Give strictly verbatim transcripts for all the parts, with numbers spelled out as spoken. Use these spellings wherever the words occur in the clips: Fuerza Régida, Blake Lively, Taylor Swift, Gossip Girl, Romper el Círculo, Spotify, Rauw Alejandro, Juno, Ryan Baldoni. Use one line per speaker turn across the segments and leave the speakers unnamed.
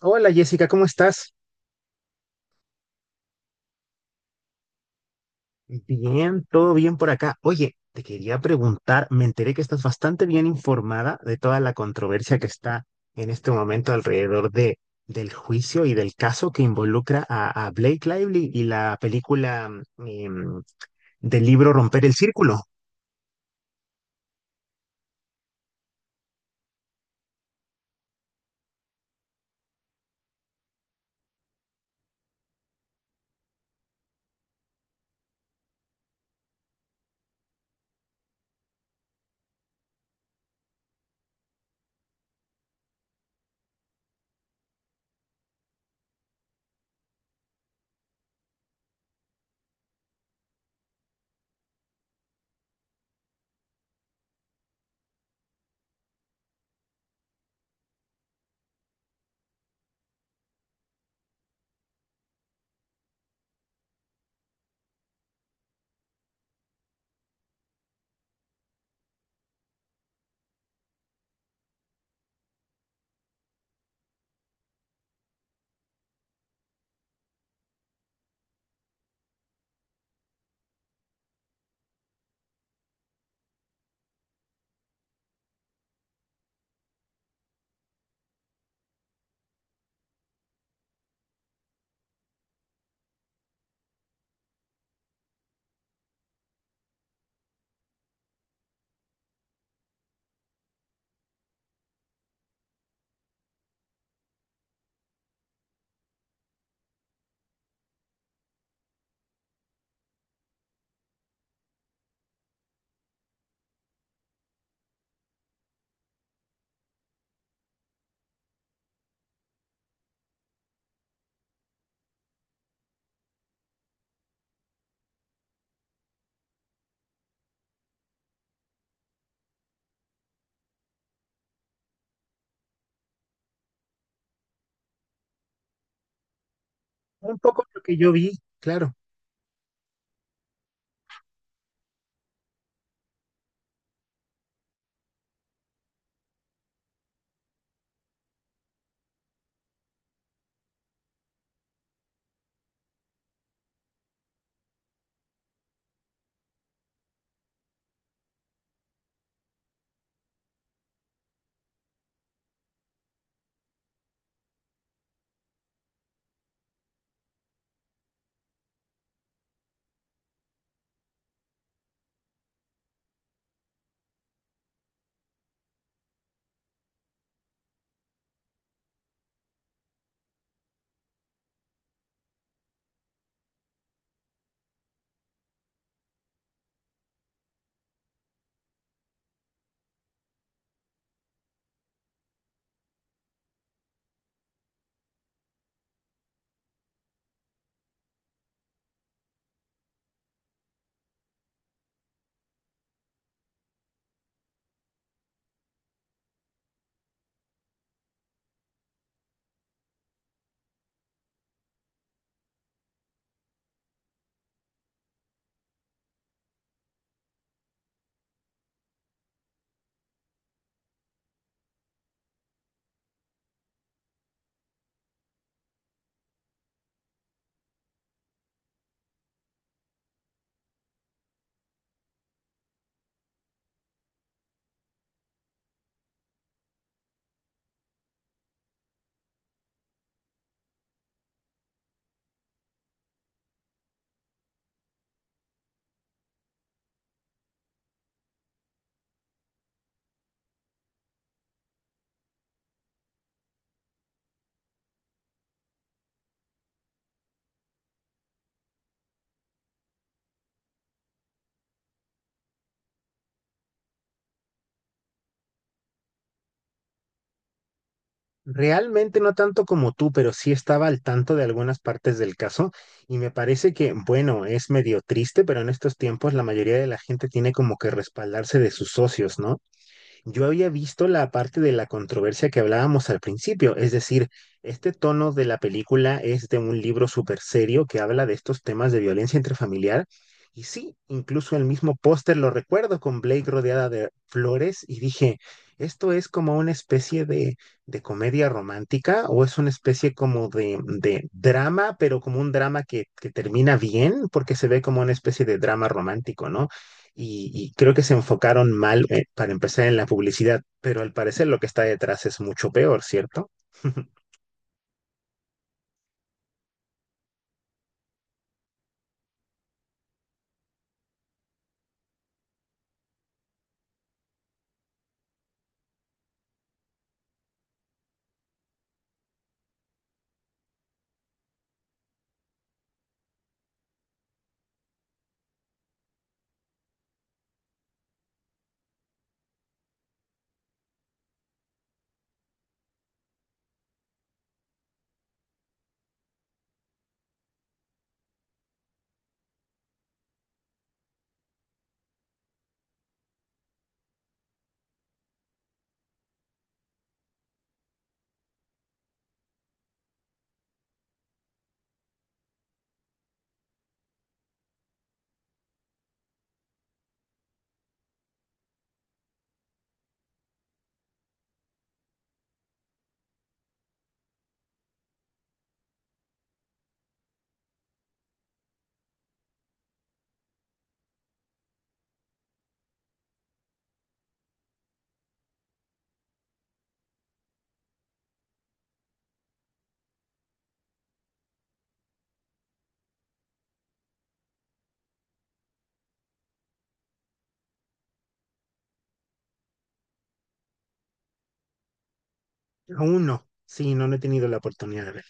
Hola Jessica, ¿cómo estás? Bien, todo bien por acá. Oye, te quería preguntar, me enteré que estás bastante bien informada de toda la controversia que está en este momento alrededor de, del juicio y del caso que involucra a, a Blake Lively y la película mm, em, del libro Romper el Círculo. Un poco lo que yo vi, claro. Realmente no tanto como tú, pero sí estaba al tanto de algunas partes del caso y me parece que, bueno, es medio triste, pero en estos tiempos la mayoría de la gente tiene como que respaldarse de sus socios, ¿no? Yo había visto la parte de la controversia que hablábamos al principio, es decir, este tono de la película es de un libro súper serio que habla de estos temas de violencia intrafamiliar. Y sí, incluso el mismo póster lo recuerdo con Blake rodeada de flores y dije, ¿esto es como una especie de, de comedia romántica o es una especie como de, de drama, pero como un drama que, que termina bien porque se ve como una especie de drama romántico, ¿no? Y, y creo que se enfocaron mal eh, para empezar en la publicidad, pero al parecer lo que está detrás es mucho peor, ¿cierto? Aún no. Sí, no, no he tenido la oportunidad de ver.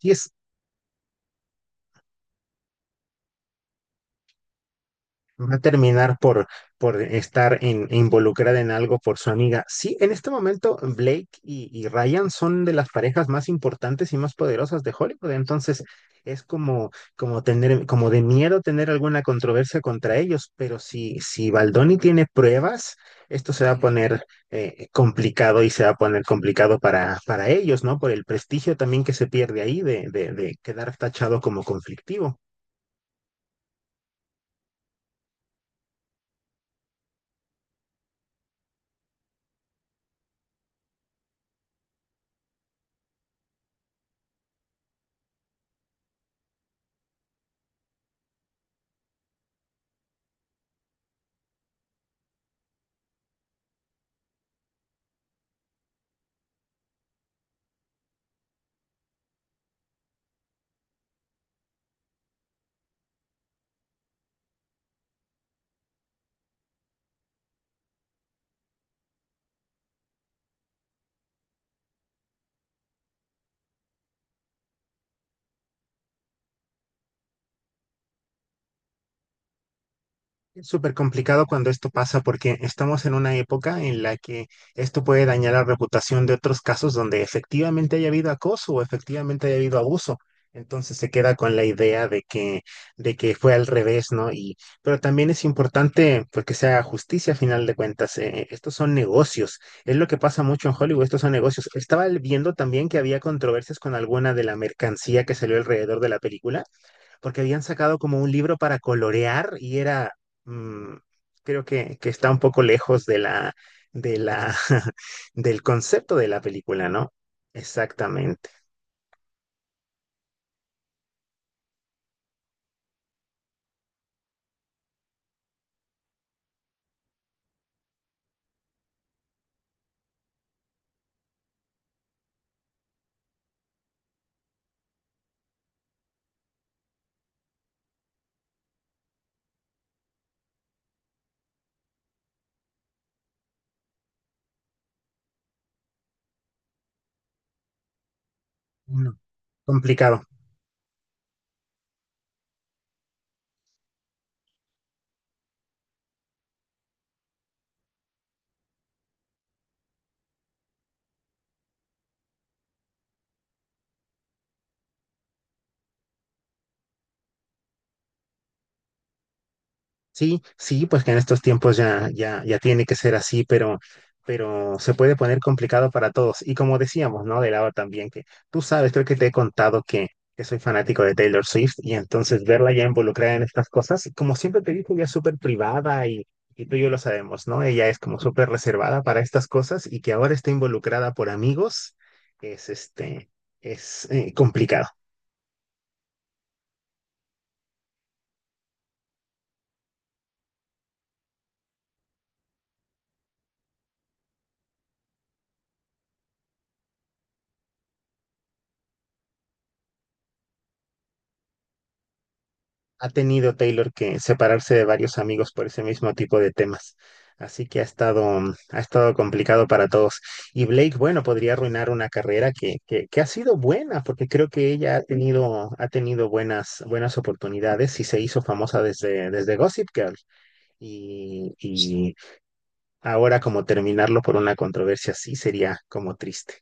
Y es no va a terminar por, por estar en- involucrada en algo por su amiga. Sí, en este momento Blake y, y Ryan son de las parejas más importantes y más poderosas de Hollywood. Entonces es como, como tener, como de miedo tener alguna controversia contra ellos. Pero si, si Baldoni tiene pruebas, esto se va a poner eh, complicado y se va a poner complicado para, para ellos, ¿no? Por el prestigio también que se pierde ahí de, de de quedar tachado como conflictivo. Es súper complicado cuando esto pasa porque estamos en una época en la que esto puede dañar la reputación de otros casos donde efectivamente haya habido acoso o efectivamente haya habido abuso. Entonces se queda con la idea de que, de que fue al revés, ¿no? Y, pero también es importante pues, que se haga justicia a final de cuentas. Eh, estos son negocios. Es lo que pasa mucho en Hollywood, estos son negocios. Estaba viendo también que había controversias con alguna de la mercancía que salió alrededor de la película porque habían sacado como un libro para colorear y era, mm, creo que, que está un poco lejos de la, de la, del concepto de la película, ¿no? Exactamente. No, complicado. Sí, sí, pues que en estos tiempos ya, ya, ya tiene que ser así, pero, pero se puede poner complicado para todos. Y como decíamos, ¿no? De lado también, que tú sabes, creo que te he contado que, que soy fanático de Taylor Swift y entonces verla ya involucrada en estas cosas, como siempre te digo, ella es súper privada y, y tú y yo lo sabemos, ¿no? Ella es como súper reservada para estas cosas y que ahora esté involucrada por amigos es, este, es eh, complicado. Ha tenido Taylor que separarse de varios amigos por ese mismo tipo de temas. Así que ha estado, mm, ha estado complicado para todos. Y Blake, bueno, podría arruinar una carrera que, que, que ha sido buena, porque creo que ella ha tenido, ha tenido buenas, buenas oportunidades y se hizo famosa desde, desde Gossip Girl. Y, y ahora como terminarlo por una controversia así sería como triste.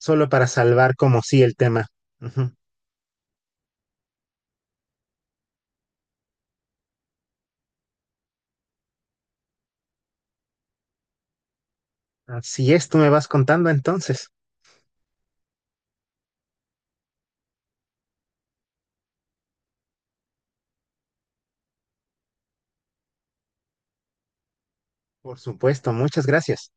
Solo para salvar como sí el tema. Ujú. Así es, tú me vas contando entonces. Por supuesto, muchas gracias.